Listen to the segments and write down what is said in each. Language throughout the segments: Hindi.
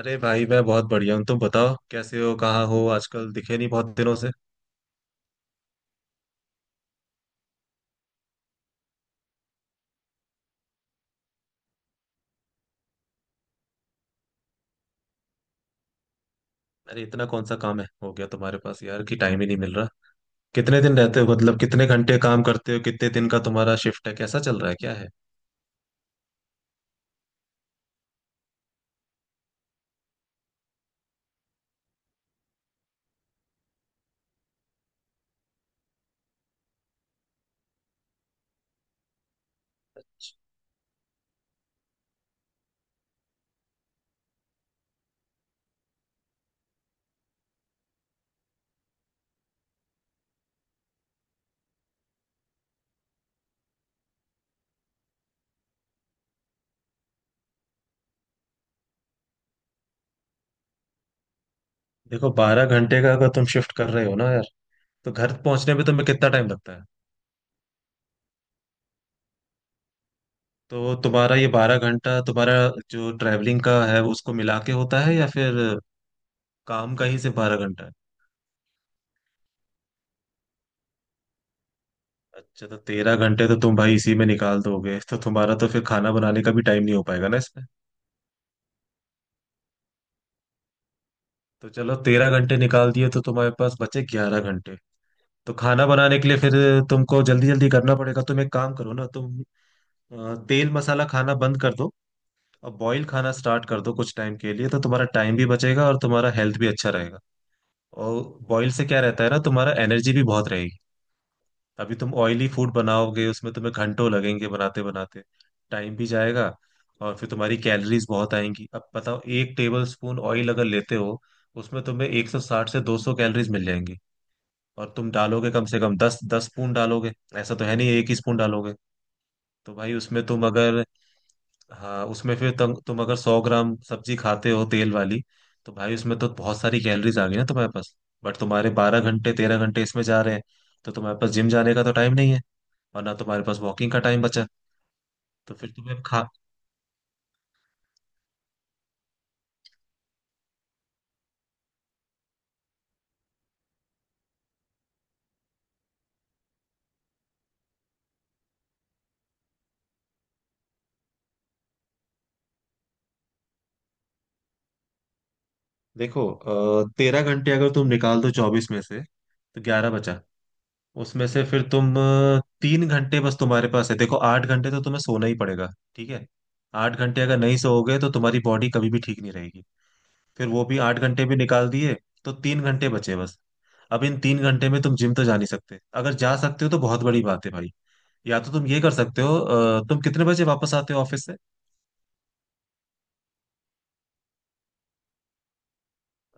अरे भाई, मैं बहुत बढ़िया हूँ। तुम बताओ कैसे हो, कहाँ हो? आजकल दिखे नहीं बहुत दिनों से। अरे इतना कौन सा काम है हो गया तुम्हारे पास यार कि टाइम ही नहीं मिल रहा? कितने दिन रहते हो, मतलब कितने घंटे काम करते हो? कितने दिन का तुम्हारा शिफ्ट है, कैसा चल रहा है, क्या है? देखो, 12 घंटे का अगर तुम शिफ्ट कर रहे हो ना यार, तो घर पहुंचने में तुम्हें कितना टाइम लगता है? तो तुम्हारा ये 12 घंटा तुम्हारा जो ट्रैवलिंग का है उसको मिला के होता है, या फिर काम का ही सिर्फ 12 घंटा है? अच्छा, तो 13 घंटे तो तुम भाई इसी में निकाल दोगे, तो तुम्हारा तो फिर खाना बनाने का भी टाइम नहीं हो पाएगा ना इसमें। तो चलो 13 घंटे निकाल दिए, तो तुम्हारे पास बचे 11 घंटे। तो खाना बनाने के लिए फिर तुमको जल्दी जल्दी करना पड़ेगा। तुम एक काम करो ना तुम, तेल मसाला खाना बंद कर दो और बॉईल खाना स्टार्ट कर दो कुछ टाइम के लिए, तो तुम्हारा टाइम भी बचेगा और तुम्हारा हेल्थ भी अच्छा रहेगा। और बॉईल से क्या रहता है ना, तुम्हारा एनर्जी भी बहुत रहेगी। अभी तुम ऑयली फूड बनाओगे उसमें तुम्हें घंटों लगेंगे बनाते बनाते, टाइम भी जाएगा और फिर तुम्हारी कैलोरीज बहुत आएंगी। अब बताओ, एक टेबल स्पून ऑयल अगर लेते हो उसमें तुम्हें 160 से 200 कैलोरीज मिल जाएंगी। और तुम डालोगे कम से कम दस दस स्पून डालोगे, ऐसा तो है नहीं एक ही स्पून डालोगे। तो भाई उसमें तुम अगर, हाँ उसमें फिर तुम अगर 100 ग्राम सब्जी खाते हो तेल वाली, तो भाई उसमें तो बहुत सारी कैलोरीज आ गई ना तुम्हारे पास। बट तुम्हारे 12 घंटे 13 घंटे इसमें जा रहे हैं, तो तुम्हारे पास जिम जाने का तो टाइम नहीं है और ना तुम्हारे पास वॉकिंग का टाइम बचा। तो फिर तुम्हें खा देखो, 13 घंटे अगर तुम निकाल दो 24 में से तो 11 बचा। उसमें से फिर तुम 3 घंटे बस तुम्हारे पास है। देखो 8 घंटे तो तुम्हें सोना ही पड़ेगा, ठीक है? 8 घंटे अगर नहीं सोओगे तो तुम्हारी बॉडी कभी भी ठीक नहीं रहेगी। फिर वो भी 8 घंटे भी निकाल दिए तो 3 घंटे बचे बस। अब इन 3 घंटे में तुम जिम तो जा नहीं सकते, अगर जा सकते हो तो बहुत बड़ी बात है भाई। या तो तुम ये कर सकते हो, तुम कितने बजे वापस आते हो ऑफिस से?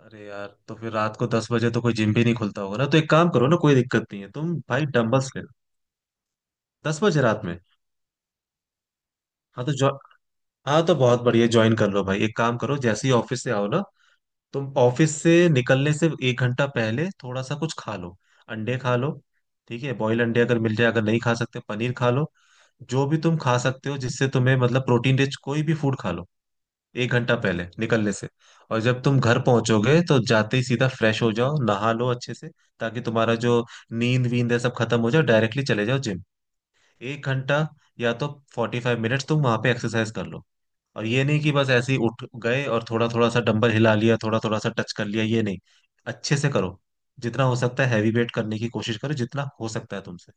अरे यार, तो फिर रात को 10 बजे तो कोई जिम भी नहीं खुलता होगा ना, तो एक काम करो ना, कोई दिक्कत नहीं है तुम भाई डंबल्स ले लो। 10 बजे रात में? हाँ तो, हाँ तो बहुत बढ़िया, ज्वाइन कर लो भाई। एक काम करो, जैसे ही ऑफिस से आओ ना, तुम ऑफिस से निकलने से 1 घंटा पहले थोड़ा सा कुछ खा लो, अंडे खा लो। ठीक है, बॉयल अंडे अगर मिल जाए, अगर नहीं खा सकते पनीर खा लो, जो भी तुम खा सकते हो जिससे तुम्हें मतलब प्रोटीन रिच कोई भी फूड खा लो, 1 घंटा पहले निकलने से। और जब तुम घर पहुंचोगे तो जाते ही सीधा फ्रेश हो जाओ, नहा लो अच्छे से, ताकि तुम्हारा जो नींद वींद है सब खत्म हो जाए, डायरेक्टली चले जाओ जिम। 1 घंटा या तो 45 मिनट्स तुम वहां पे एक्सरसाइज कर लो। और ये नहीं कि बस ऐसे ही उठ गए और थोड़ा थोड़ा सा डंबल हिला लिया, थोड़ा थोड़ा सा टच कर लिया, ये नहीं। अच्छे से करो, जितना हो सकता है हैवी वेट करने की कोशिश करो जितना हो सकता है तुमसे।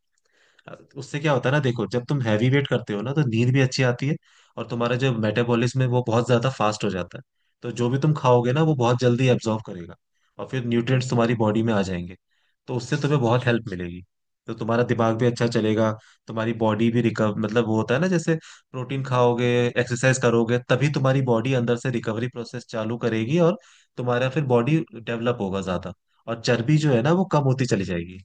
उससे क्या होता है ना देखो, जब तुम हैवी वेट करते हो ना तो नींद भी अच्छी आती है और तुम्हारा जो मेटाबॉलिज्म है वो बहुत ज्यादा फास्ट हो जाता है। तो जो भी तुम खाओगे ना वो बहुत जल्दी एब्जॉर्व करेगा, और फिर न्यूट्रिएंट्स तुम्हारी बॉडी में आ जाएंगे, तो उससे तुम्हें बहुत हेल्प मिलेगी। तो तुम्हारा दिमाग भी अच्छा चलेगा, तुम्हारी बॉडी भी रिकवर, मतलब वो होता है ना, जैसे प्रोटीन खाओगे एक्सरसाइज करोगे तभी तुम्हारी बॉडी अंदर से रिकवरी प्रोसेस चालू करेगी और तुम्हारा फिर बॉडी डेवलप होगा ज्यादा, और चर्बी जो है ना वो कम होती चली जाएगी।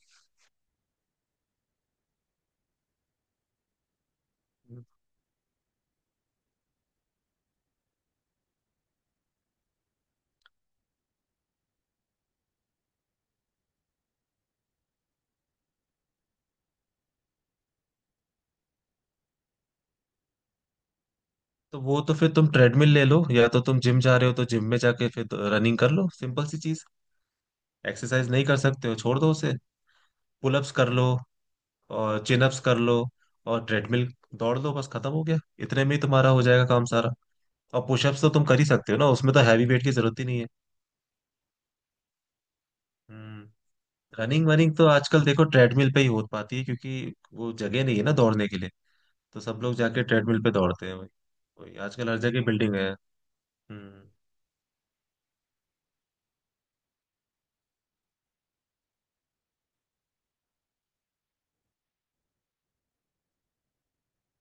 तो वो तो फिर तुम ट्रेडमिल ले लो, या तो तुम जिम जा रहे हो तो जिम में जाके फिर तो रनिंग कर लो, सिंपल सी चीज। एक्सरसाइज नहीं कर सकते हो छोड़ दो उसे, पुलअप्स कर लो और चिन अप्स कर लो और ट्रेडमिल दौड़ लो, बस खत्म हो गया, इतने में ही तुम्हारा हो जाएगा काम सारा। और पुशअप्स तो तुम कर ही सकते हो ना, उसमें तो हैवी वेट की जरूरत ही नहीं है। हम्म। रनिंग वनिंग तो आजकल देखो ट्रेडमिल पे ही हो पाती है, क्योंकि वो जगह नहीं है ना दौड़ने के लिए। तो सब लोग जाके ट्रेडमिल पे दौड़ते हैं वही। वही आजकल हर जगह बिल्डिंग है। हम्म।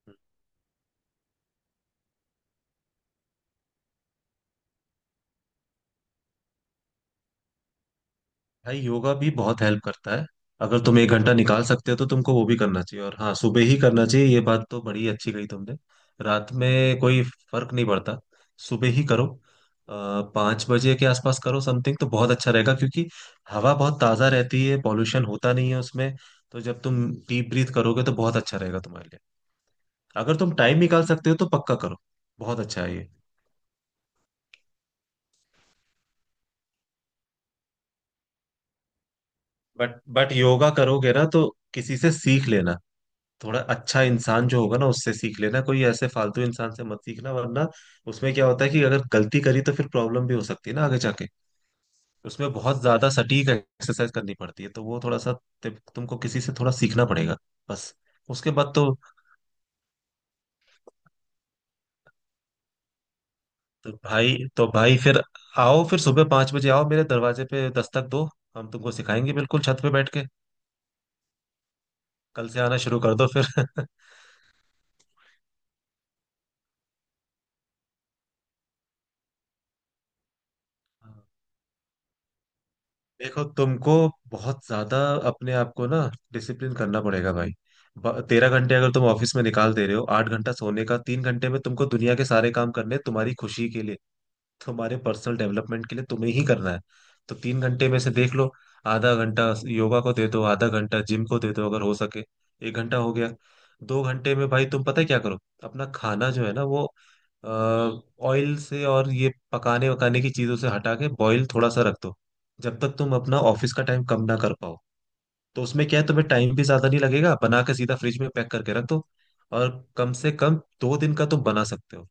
हम्म। भाई योगा भी बहुत हेल्प करता है। अगर तुम 1 घंटा निकाल सकते हो तो तुमको वो भी करना चाहिए, और हाँ सुबह ही करना चाहिए, ये बात तो बड़ी अच्छी कही तुमने। रात में कोई फर्क नहीं पड़ता, सुबह ही करो। 5 बजे के आसपास करो समथिंग, तो बहुत अच्छा रहेगा, क्योंकि हवा बहुत ताज़ा रहती है, पॉल्यूशन होता नहीं है उसमें। तो जब तुम डीप ब्रीथ करोगे तो बहुत अच्छा रहेगा तुम्हारे लिए। अगर तुम टाइम निकाल सकते हो तो पक्का करो, बहुत अच्छा है ये। बट योगा करोगे ना, तो किसी से सीख लेना, थोड़ा अच्छा इंसान जो होगा ना उससे सीख लेना, कोई ऐसे फालतू इंसान से मत सीखना, वरना उसमें क्या होता है कि अगर गलती करी तो फिर प्रॉब्लम भी हो सकती है ना आगे जाके। उसमें बहुत ज्यादा सटीक एक्सरसाइज करनी पड़ती है, तो वो थोड़ा सा, तुमको किसी से थोड़ा सीखना पड़ेगा। बस उसके बाद तो भाई फिर आओ, फिर सुबह 5 बजे आओ, मेरे दरवाजे पे दस्तक दो, हम तुमको सिखाएंगे बिल्कुल, छत पे बैठ के। कल से आना शुरू कर दो फिर। देखो, तुमको बहुत ज्यादा अपने आप को ना डिसिप्लिन करना पड़ेगा भाई। 13 घंटे अगर तुम ऑफिस में निकाल दे रहे हो, 8 घंटा सोने का, 3 घंटे में तुमको दुनिया के सारे काम करने हैं तुम्हारी खुशी के लिए, तुम्हारे पर्सनल डेवलपमेंट के लिए तुम्हें ही करना है। तो 3 घंटे में से देख लो, आधा घंटा योगा को दे दो, आधा घंटा जिम को दे दो अगर हो सके, 1 घंटा हो गया। 2 घंटे में भाई तुम पता है क्या करो, अपना खाना जो है ना वो ऑयल से और ये पकाने वकाने की चीजों से हटा के बॉईल थोड़ा सा रख दो, जब तक तुम अपना ऑफिस का टाइम कम ना कर पाओ। तो उसमें क्या है, तुम्हें टाइम भी ज्यादा नहीं लगेगा, बना के सीधा फ्रिज में पैक करके रख दो, और कम से कम 2 दिन का तुम बना सकते हो।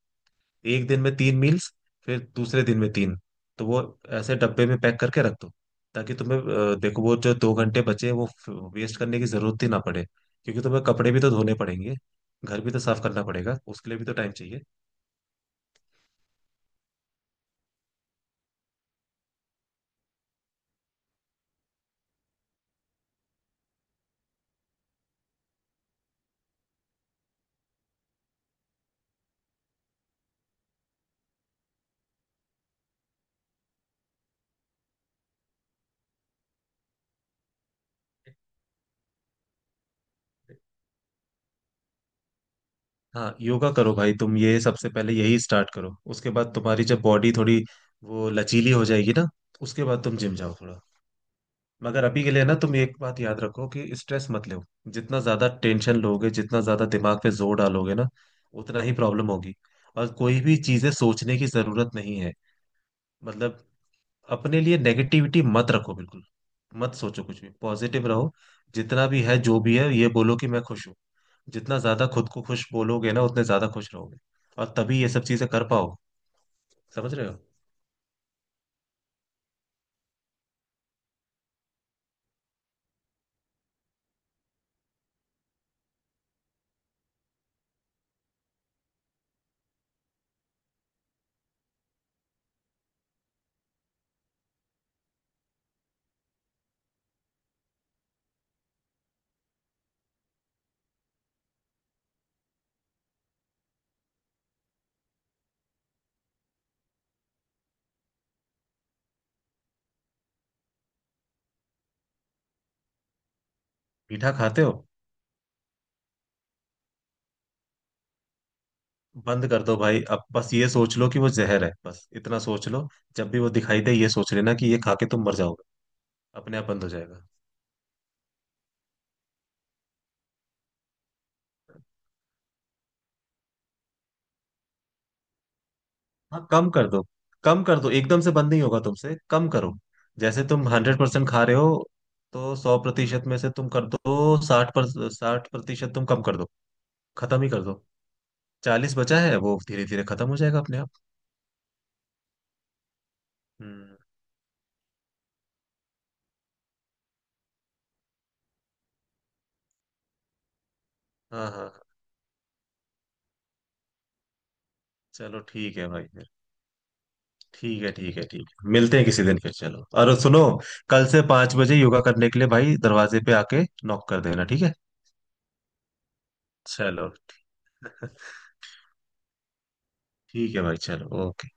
1 दिन में 3 मील्स, फिर दूसरे दिन में 3, तो वो ऐसे डब्बे में पैक करके रख दो, ताकि तुम्हें, देखो वो जो 2 घंटे बचे हैं, वो वेस्ट करने की जरूरत ही ना पड़े। क्योंकि तुम्हें कपड़े भी तो धोने पड़ेंगे, घर भी तो साफ करना पड़ेगा, उसके लिए भी तो टाइम चाहिए। हाँ योगा करो भाई तुम, ये सबसे पहले यही स्टार्ट करो, उसके बाद तुम्हारी जब बॉडी थोड़ी वो लचीली हो जाएगी ना, उसके बाद तुम जिम जाओ थोड़ा। मगर अभी के लिए ना तुम एक बात याद रखो कि स्ट्रेस मत लो। जितना ज्यादा टेंशन लोगे, जितना ज्यादा दिमाग पे जोर डालोगे ना, उतना ही प्रॉब्लम होगी। और कोई भी चीजें सोचने की जरूरत नहीं है, मतलब अपने लिए नेगेटिविटी मत रखो बिल्कुल, मत सोचो कुछ भी, पॉजिटिव रहो। जितना भी है जो भी है ये बोलो कि मैं खुश हूँ, जितना ज्यादा खुद को खुश बोलोगे ना उतने ज्यादा खुश रहोगे और तभी ये सब चीजें कर पाओ। समझ रहे हो? मीठा खाते हो? बंद कर दो भाई, अब बस ये सोच लो कि वो जहर है, बस इतना सोच लो। जब भी वो दिखाई दे ये सोच लेना कि ये खा के तुम मर जाओगे, अपने आप बंद हो जाएगा। हाँ कम कर दो, कम कर दो, एकदम से बंद नहीं होगा तुमसे, कम करो। जैसे तुम 100% खा रहे हो, तो 100% में से तुम कर दो 60 पर, 60% तुम कम कर दो, खत्म ही कर दो। 40 बचा है वो धीरे धीरे खत्म हो जाएगा अपने आप। हम्म। हाँ हाँ हाँ। चलो ठीक है भाई। ठीक है ठीक है ठीक है, मिलते हैं किसी दिन फिर, चलो और सुनो, कल से 5 बजे योगा करने के लिए भाई दरवाजे पे आके नॉक कर देना, ठीक है? चलो। ठीक है भाई, चलो, ओके।